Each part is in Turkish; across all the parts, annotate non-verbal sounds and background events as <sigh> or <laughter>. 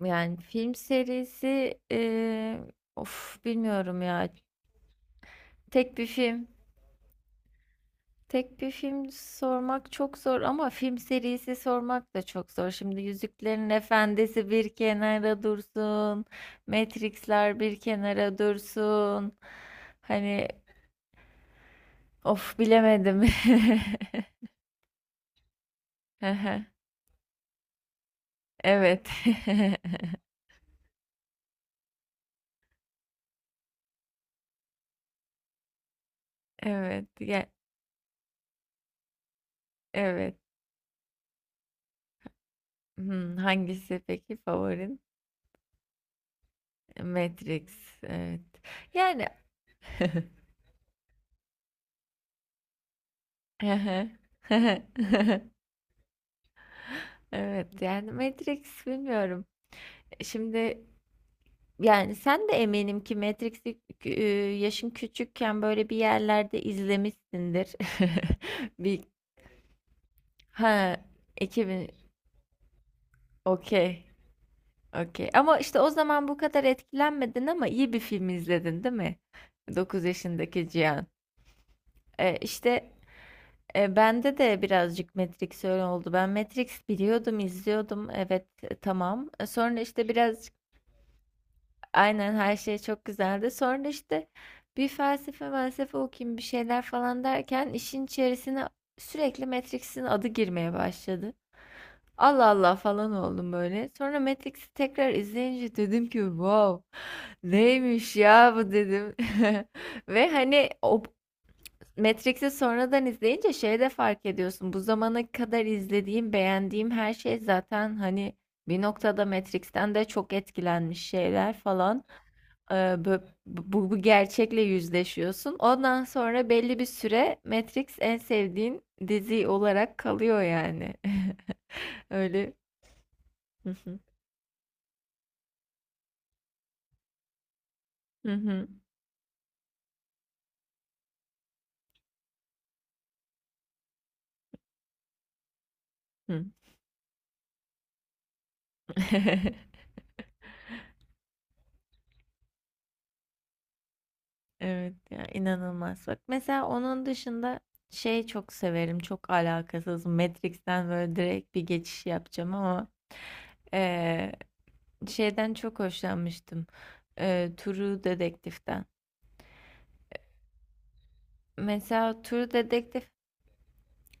Yani film serisi of bilmiyorum ya. Tek bir film. Tek bir film sormak çok zor ama film serisi sormak da çok zor. Şimdi Yüzüklerin Efendisi bir kenara dursun. Matrix'ler bir kenara dursun. Hani of bilemedim. <laughs> Aha, evet. <laughs> Evet. Ya, evet. Hmm, hangisi peki favorin? Matrix. Evet. Yani <laughs> hı hı. <laughs> Evet yani Matrix bilmiyorum. Şimdi yani sen de eminim ki Matrix'i e, yaşın küçükken böyle bir yerlerde izlemişsindir. <laughs> Bir ha 2000 okey, okey. Ama işte o zaman bu kadar etkilenmedin ama iyi bir film izledin değil mi? 9 yaşındaki Cihan. E, işte bende de birazcık Matrix öyle oldu. Ben Matrix biliyordum, izliyordum. Evet, tamam. Sonra işte birazcık aynen her şey çok güzeldi. Sonra işte bir felsefe okuyayım bir şeyler falan derken işin içerisine sürekli Matrix'in adı girmeye başladı. Allah Allah falan oldum böyle. Sonra Matrix'i tekrar izleyince dedim ki wow neymiş ya bu dedim. <laughs> Ve hani o, Matrix'i sonradan izleyince şey de fark ediyorsun. Bu zamana kadar izlediğim, beğendiğim her şey zaten hani bir noktada Matrix'ten de çok etkilenmiş şeyler falan. Bu gerçekle yüzleşiyorsun. Ondan sonra belli bir süre Matrix en sevdiğin dizi olarak kalıyor yani. <laughs> Öyle. Hı hı. Hı hı. Hı. <laughs> Evet ya inanılmaz. Bak mesela onun dışında şey çok severim. Çok alakasız. Matrix'ten böyle direkt bir geçiş yapacağım ama eee, şeyden çok hoşlanmıştım. True Detective'den. Mesela True Detective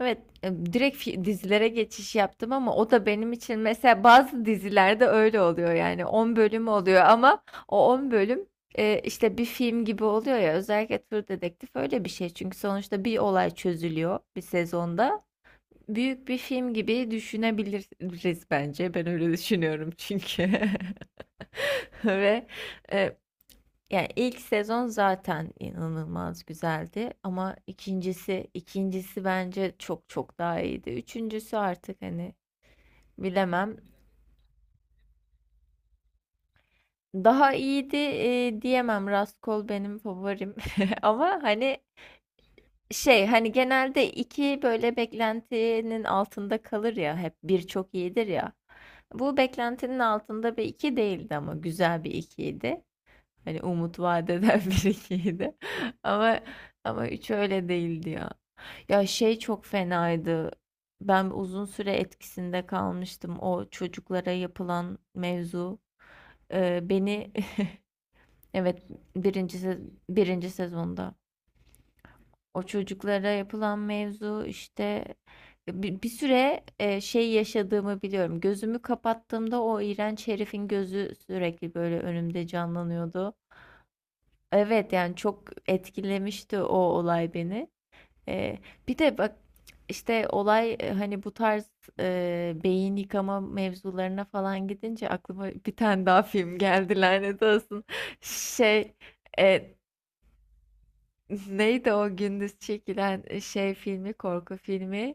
evet, direkt dizilere geçiş yaptım ama o da benim için mesela bazı dizilerde öyle oluyor yani 10 bölüm oluyor ama o 10 bölüm işte bir film gibi oluyor ya, özellikle True Detective öyle bir şey çünkü sonuçta bir olay çözülüyor bir sezonda. Büyük bir film gibi düşünebiliriz bence. Ben öyle düşünüyorum çünkü. <laughs> Ve e, yani ilk sezon zaten inanılmaz güzeldi ama ikincisi bence çok çok daha iyiydi. Üçüncüsü artık hani bilemem. Daha iyiydi diyemem. Raskol benim favorim. <laughs> Ama hani şey hani genelde iki böyle beklentinin altında kalır ya, hep bir çok iyidir ya. Bu beklentinin altında bir iki değildi ama güzel bir ikiydi. Hani umut vaat eden <laughs> bir ikiydi. Ama ama üç öyle değildi ya. Ya şey çok fenaydı. Ben uzun süre etkisinde kalmıştım o çocuklara yapılan mevzu. Beni <laughs> evet birinci sezonda o çocuklara yapılan mevzu işte bir süre şey yaşadığımı biliyorum. Gözümü kapattığımda o iğrenç herifin gözü sürekli böyle önümde canlanıyordu. Evet yani çok etkilemişti o olay beni. Ee, bir de bak işte olay hani bu tarz beyin yıkama mevzularına falan gidince aklıma bir tane daha film geldi, lanet olsun. Şey e, neydi o gündüz çekilen şey filmi korku filmi.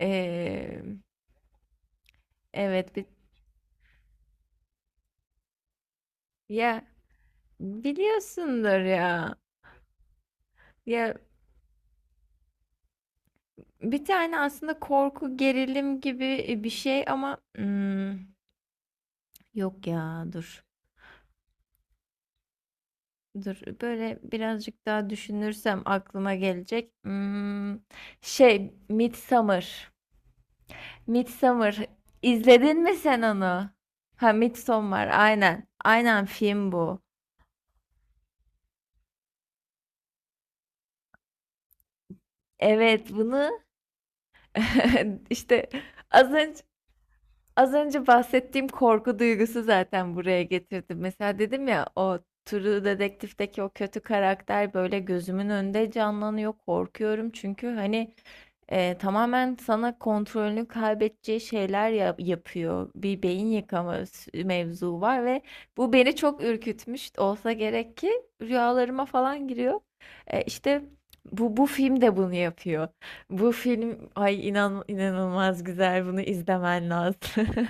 Ee, evet bir, ya biliyorsundur ya. Ya bir tane aslında korku gerilim gibi bir şey ama hmm, yok ya dur. Dur böyle birazcık daha düşünürsem aklıma gelecek. Hmm, şey Midsummer. Midsummer. İzledin mi sen onu? Ha Midsommar aynen. Aynen film bu. Evet bunu <laughs> işte az önce az önce bahsettiğim korku duygusu zaten buraya getirdim. Mesela dedim ya o True Detective'deki o kötü karakter böyle gözümün önünde canlanıyor. Korkuyorum çünkü hani tamamen sana kontrolünü kaybedeceği şeyler yapıyor. Bir beyin yıkama mevzu var ve bu beni çok ürkütmüş olsa gerek ki rüyalarıma falan giriyor. İşte bu film de bunu yapıyor. Bu film ay inan inanılmaz güzel. Bunu izlemen lazım. <laughs>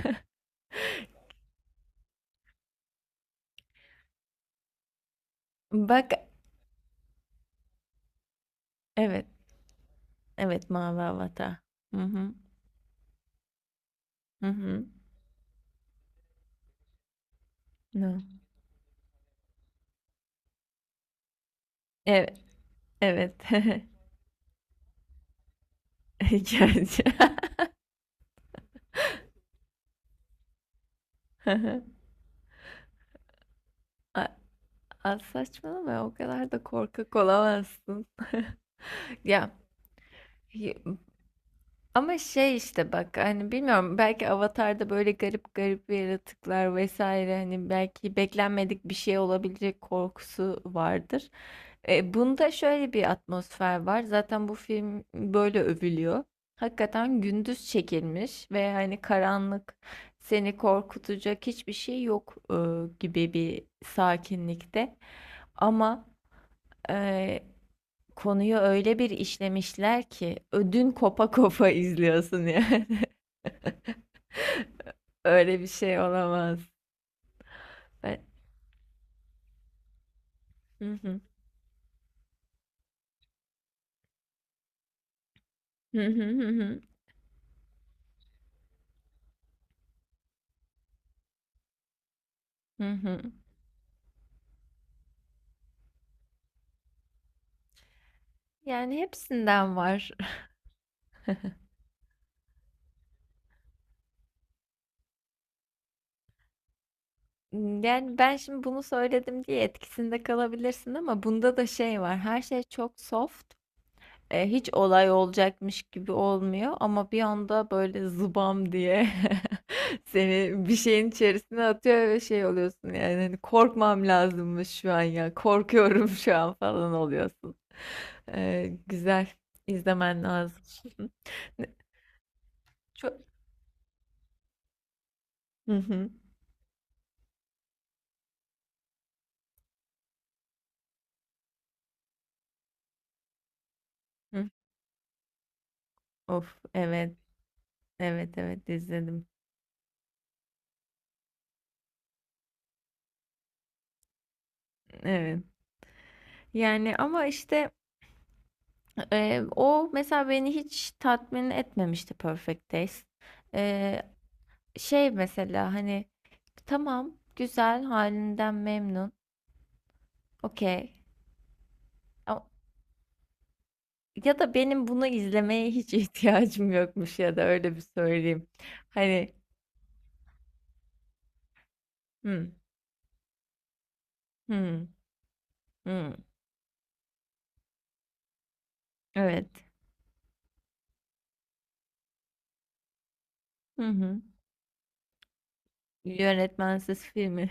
Bak evet. Evet Mavi Avatar. Hı hı. Hı hı. No. Evet. Evet. <laughs> Gerçi. <laughs> A- saçmalama o kadar da korkak olamazsın. <laughs> Ya ama şey işte bak hani bilmiyorum belki Avatar'da böyle garip garip yaratıklar vesaire hani belki beklenmedik bir şey olabilecek korkusu vardır. Bunda şöyle bir atmosfer var. Zaten bu film böyle övülüyor. Hakikaten gündüz çekilmiş ve hani karanlık seni korkutacak hiçbir şey yok gibi bir sakinlikte. Ama konuyu öyle bir işlemişler ki ödün kopa kopa izliyorsun yani. <laughs> Öyle bir şey olamaz. Ben... Hı hı. Hı hı hı hı. Hı hı. Yani hepsinden var. <laughs> Yani ben şimdi bunu söyledim diye etkisinde kalabilirsin ama bunda da şey var. Her şey çok soft, hiç olay olacakmış gibi olmuyor ama bir anda böyle zıbam diye <laughs> seni bir şeyin içerisine atıyor ve şey oluyorsun yani hani korkmam lazımmış şu an ya korkuyorum şu an falan oluyorsun. Güzel izlemen lazım. <laughs> Ne- çok... Hı hı. Hı. Of evet, evet, evet, izledim. Evet. Yani ama işte o mesela beni hiç tatmin etmemişti Perfect Days. E, şey mesela hani tamam güzel halinden memnun okey A- ya da benim bunu izlemeye hiç <laughs> ihtiyacım yokmuş, ya da öyle bir söyleyeyim hani hı hı hı evet hı hı yönetmensiz filmi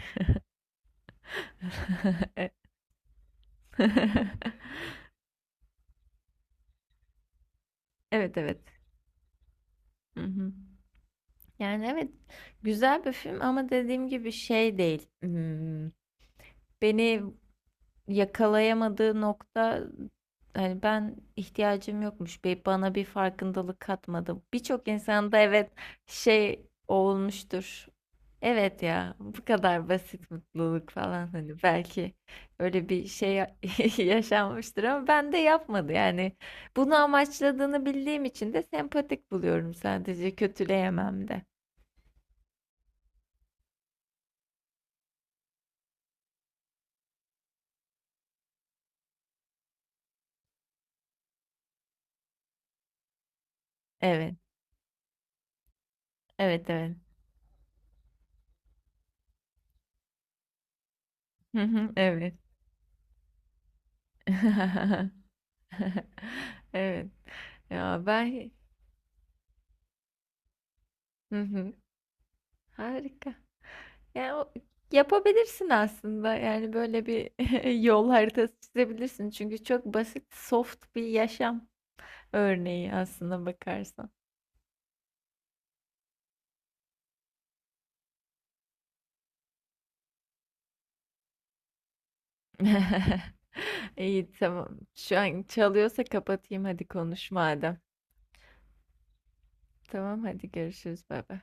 <laughs> evet evet hı hı. Yani evet güzel bir film ama dediğim gibi şey değil. Hmm, beni yakalayamadığı nokta hani ben ihtiyacım yokmuş. Bana bir farkındalık katmadı. Birçok insanda evet şey olmuştur. Evet ya bu kadar basit mutluluk falan hani belki öyle bir şey <laughs> yaşanmıştır ama ben de yapmadı yani bunu amaçladığını bildiğim için de sempatik buluyorum, sadece kötüleyemem de. Evet, evet, evet. <laughs> Hı hı, evet. <laughs> <laughs> Evet. Ya ben hı hı. Harika. Yani yapabilirsin aslında. Yani böyle bir <laughs> yol haritası çizebilirsin. Çünkü çok basit, soft bir yaşam örneği aslında bakarsan. <laughs> İyi, tamam. Şu an çalıyorsa kapatayım, hadi konuş madem. Tamam hadi görüşürüz. Bay bay.